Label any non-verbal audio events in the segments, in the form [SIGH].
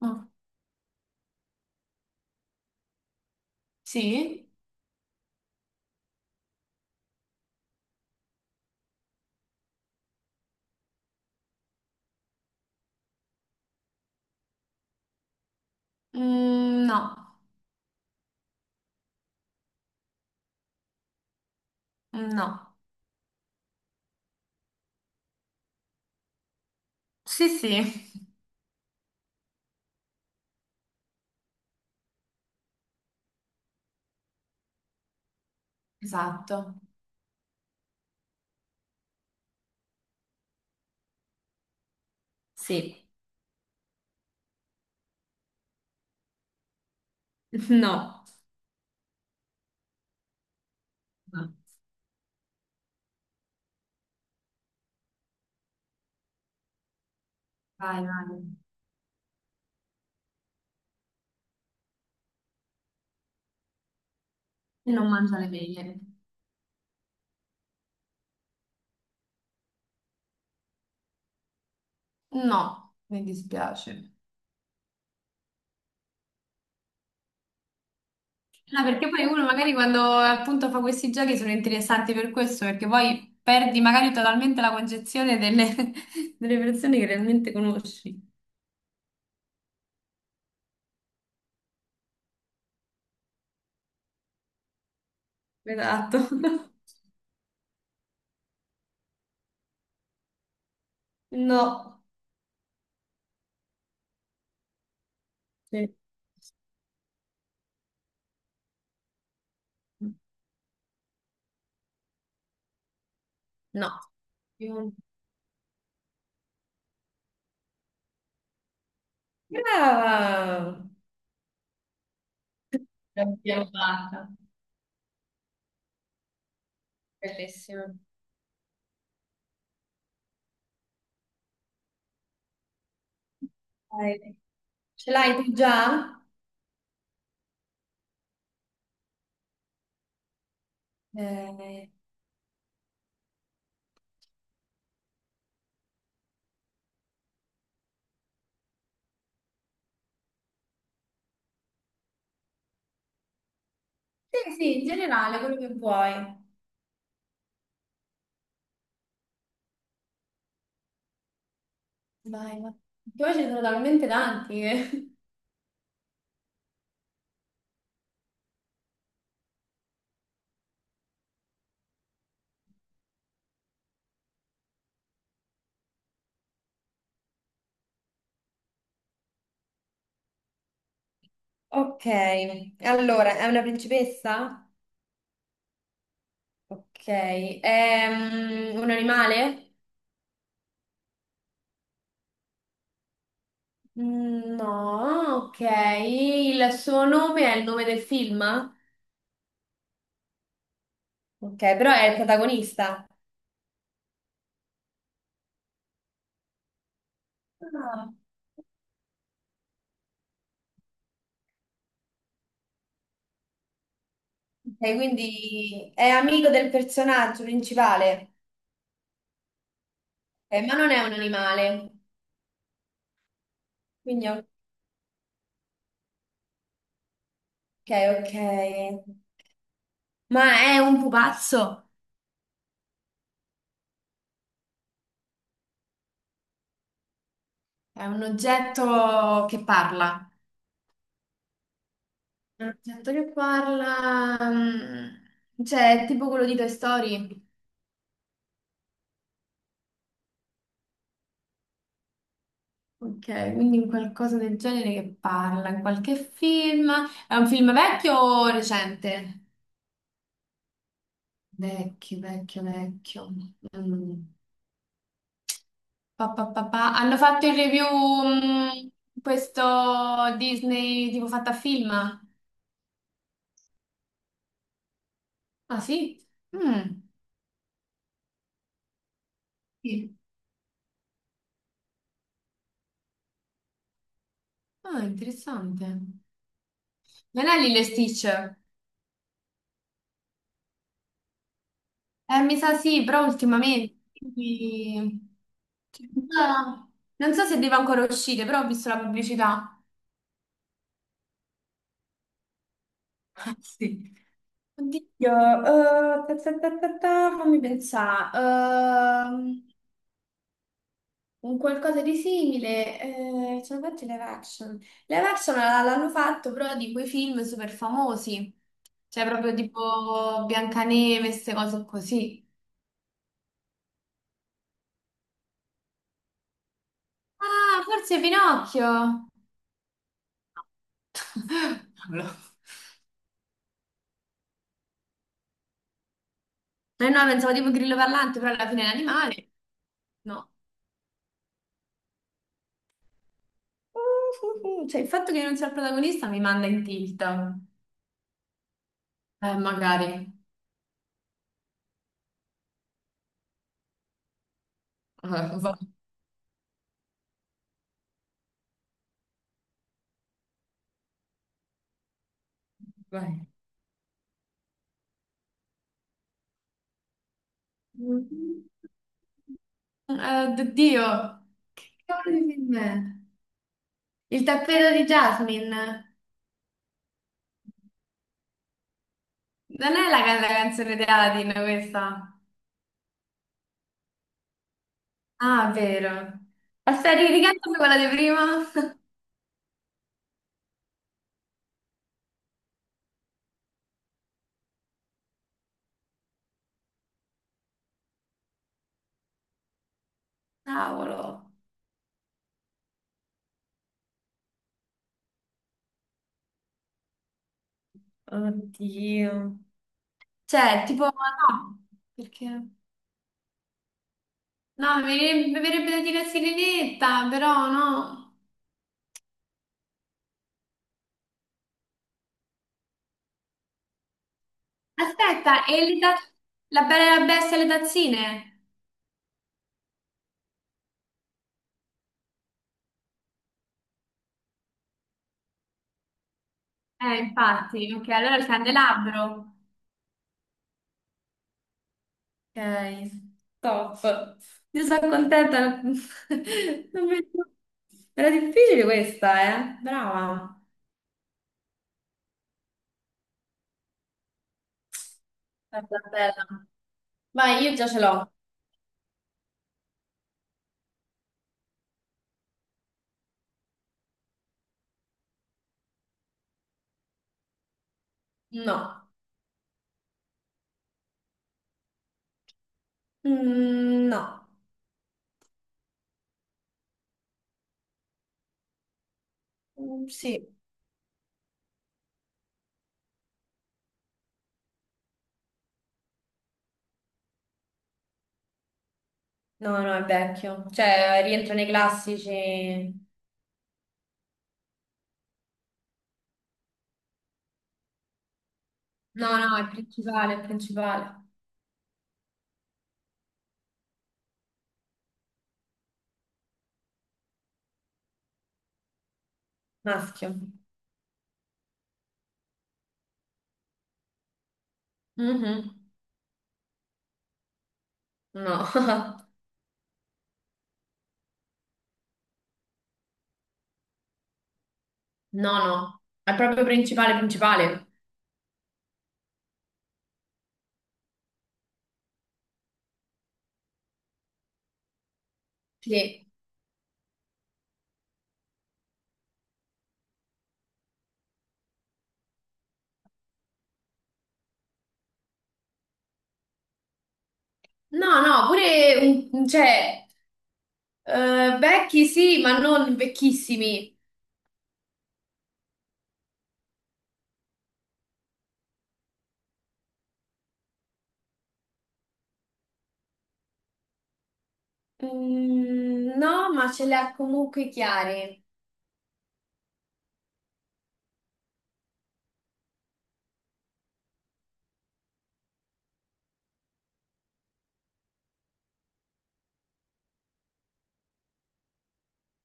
Oh, sì? Mm, no, mm, no. Sì, sì, esatto. Sì, [LAUGHS] no. No. Vai, vai. E non mangia le mele. No, mi dispiace. No, perché poi uno magari quando appunto fa questi giochi sono interessanti per questo, perché poi perdi magari totalmente la concezione delle, [LAUGHS] delle persone che realmente conosci. Esatto. [LAUGHS] No. Sì. No. Io- Brava! L'abbiamo fatta. Bellissimo. Dai. Ce l'hai tu già? Eh, sì, sì, in generale, quello che vuoi. Vai, vai. Che poi ce ne sono talmente tanti che... Ok, allora, è una principessa? Ok, è un animale? Mm, no, ok. Il suo nome è il nome del film? Ok, però è il protagonista. Ok. Ok, quindi è amico del personaggio principale. Ma non è un animale, quindi ok, ok. Ma è un pupazzo, è un oggetto che parla. È un oggetto che parla, mm, cioè è tipo quello di Toy Story. Ok, quindi un qualcosa del genere che parla, in qualche film. È un film vecchio o recente? Vecchio, vecchio, vecchio. Mm. Pa, pa, pa, pa. Hanno fatto il review, mm, questo Disney tipo fatta a film? Ah sì? Mm. Sì. Ah, interessante. Non è Lilo e Stitch? Mi sa sì, però ultimamente. Ah, non so se deve ancora uscire, però ho visto la pubblicità. Ah, sì. Oddio, ta, ta, ta, ta, ta, fammi pensare. ehm, un qualcosa di simile. Eh, ce l'ho fatto live action. L'hanno fatto però di quei film super famosi, cioè, proprio tipo Biancaneve, queste cose così. Ah, forse Pinocchio. [LAUGHS] Non lo- Eh no, pensavo tipo grillo parlante, però alla fine è un animale. No. [LAUGHS] Cioè, il fatto che io non sia il protagonista mi manda in tilt. Magari. Ah, va- Vai. Mm. Oddio. Che cavolo di film è? Il tappeto di Jasmine. Non è la, la canzone di Aladdin questa. Ah, vero. Aspetta, ricantamela quella di prima. [LAUGHS] Cavolo. Oddio. Cioè, tipo, no, perché? No, mi verrebbe da dire sirenetta, però no. Aspetta, la bella e la bestia e le tazzine? Infatti, ok, allora il candelabro. Ok, top. Io sono contenta. [LAUGHS] Non vedo- Era difficile questa, eh? Brava. Bella, bella. Vai, io già ce l'ho. No. Mm, no. Mm, sì. No, no, è vecchio. Cioè, rientra nei classici. No, no, è principale, è principale. Maschio. Mhm. No. [LAUGHS] No, no. È proprio principale, principale. Sì. No, no, pure, un- cioè, vecchi sì, ma non vecchissimi. Mm, no, ma ce li ha comunque chiari.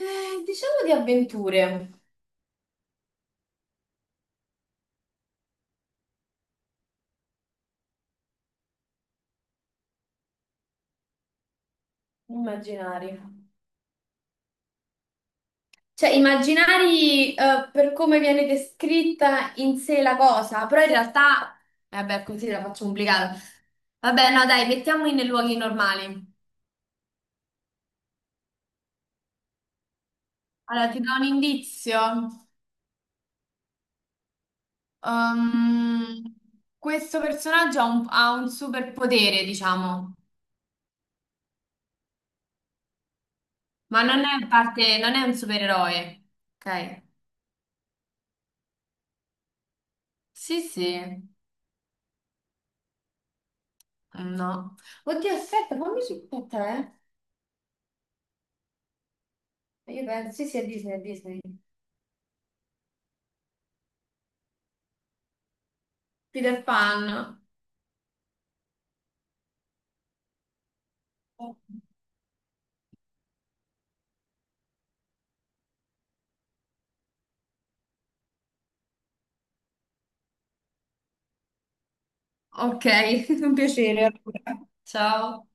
Diciamo di avventure. Immaginari. Cioè, immaginari, per come viene descritta in sé la cosa, però in realtà, vabbè, così la faccio complicata. Vabbè, no, dai, mettiamoli nei luoghi normali. Allora, ti do un indizio. Ehm, Questo personaggio ha ha un superpotere, diciamo, ma non è parte, non è un supereroe. Ok? Sì, sì. No. Oddio, aspetta, fammi su aspetta, eh. Io penso, sì, sì, è Disney, è Disney. Peter Pan. Ok, [LAUGHS] un piacere allora. Ciao.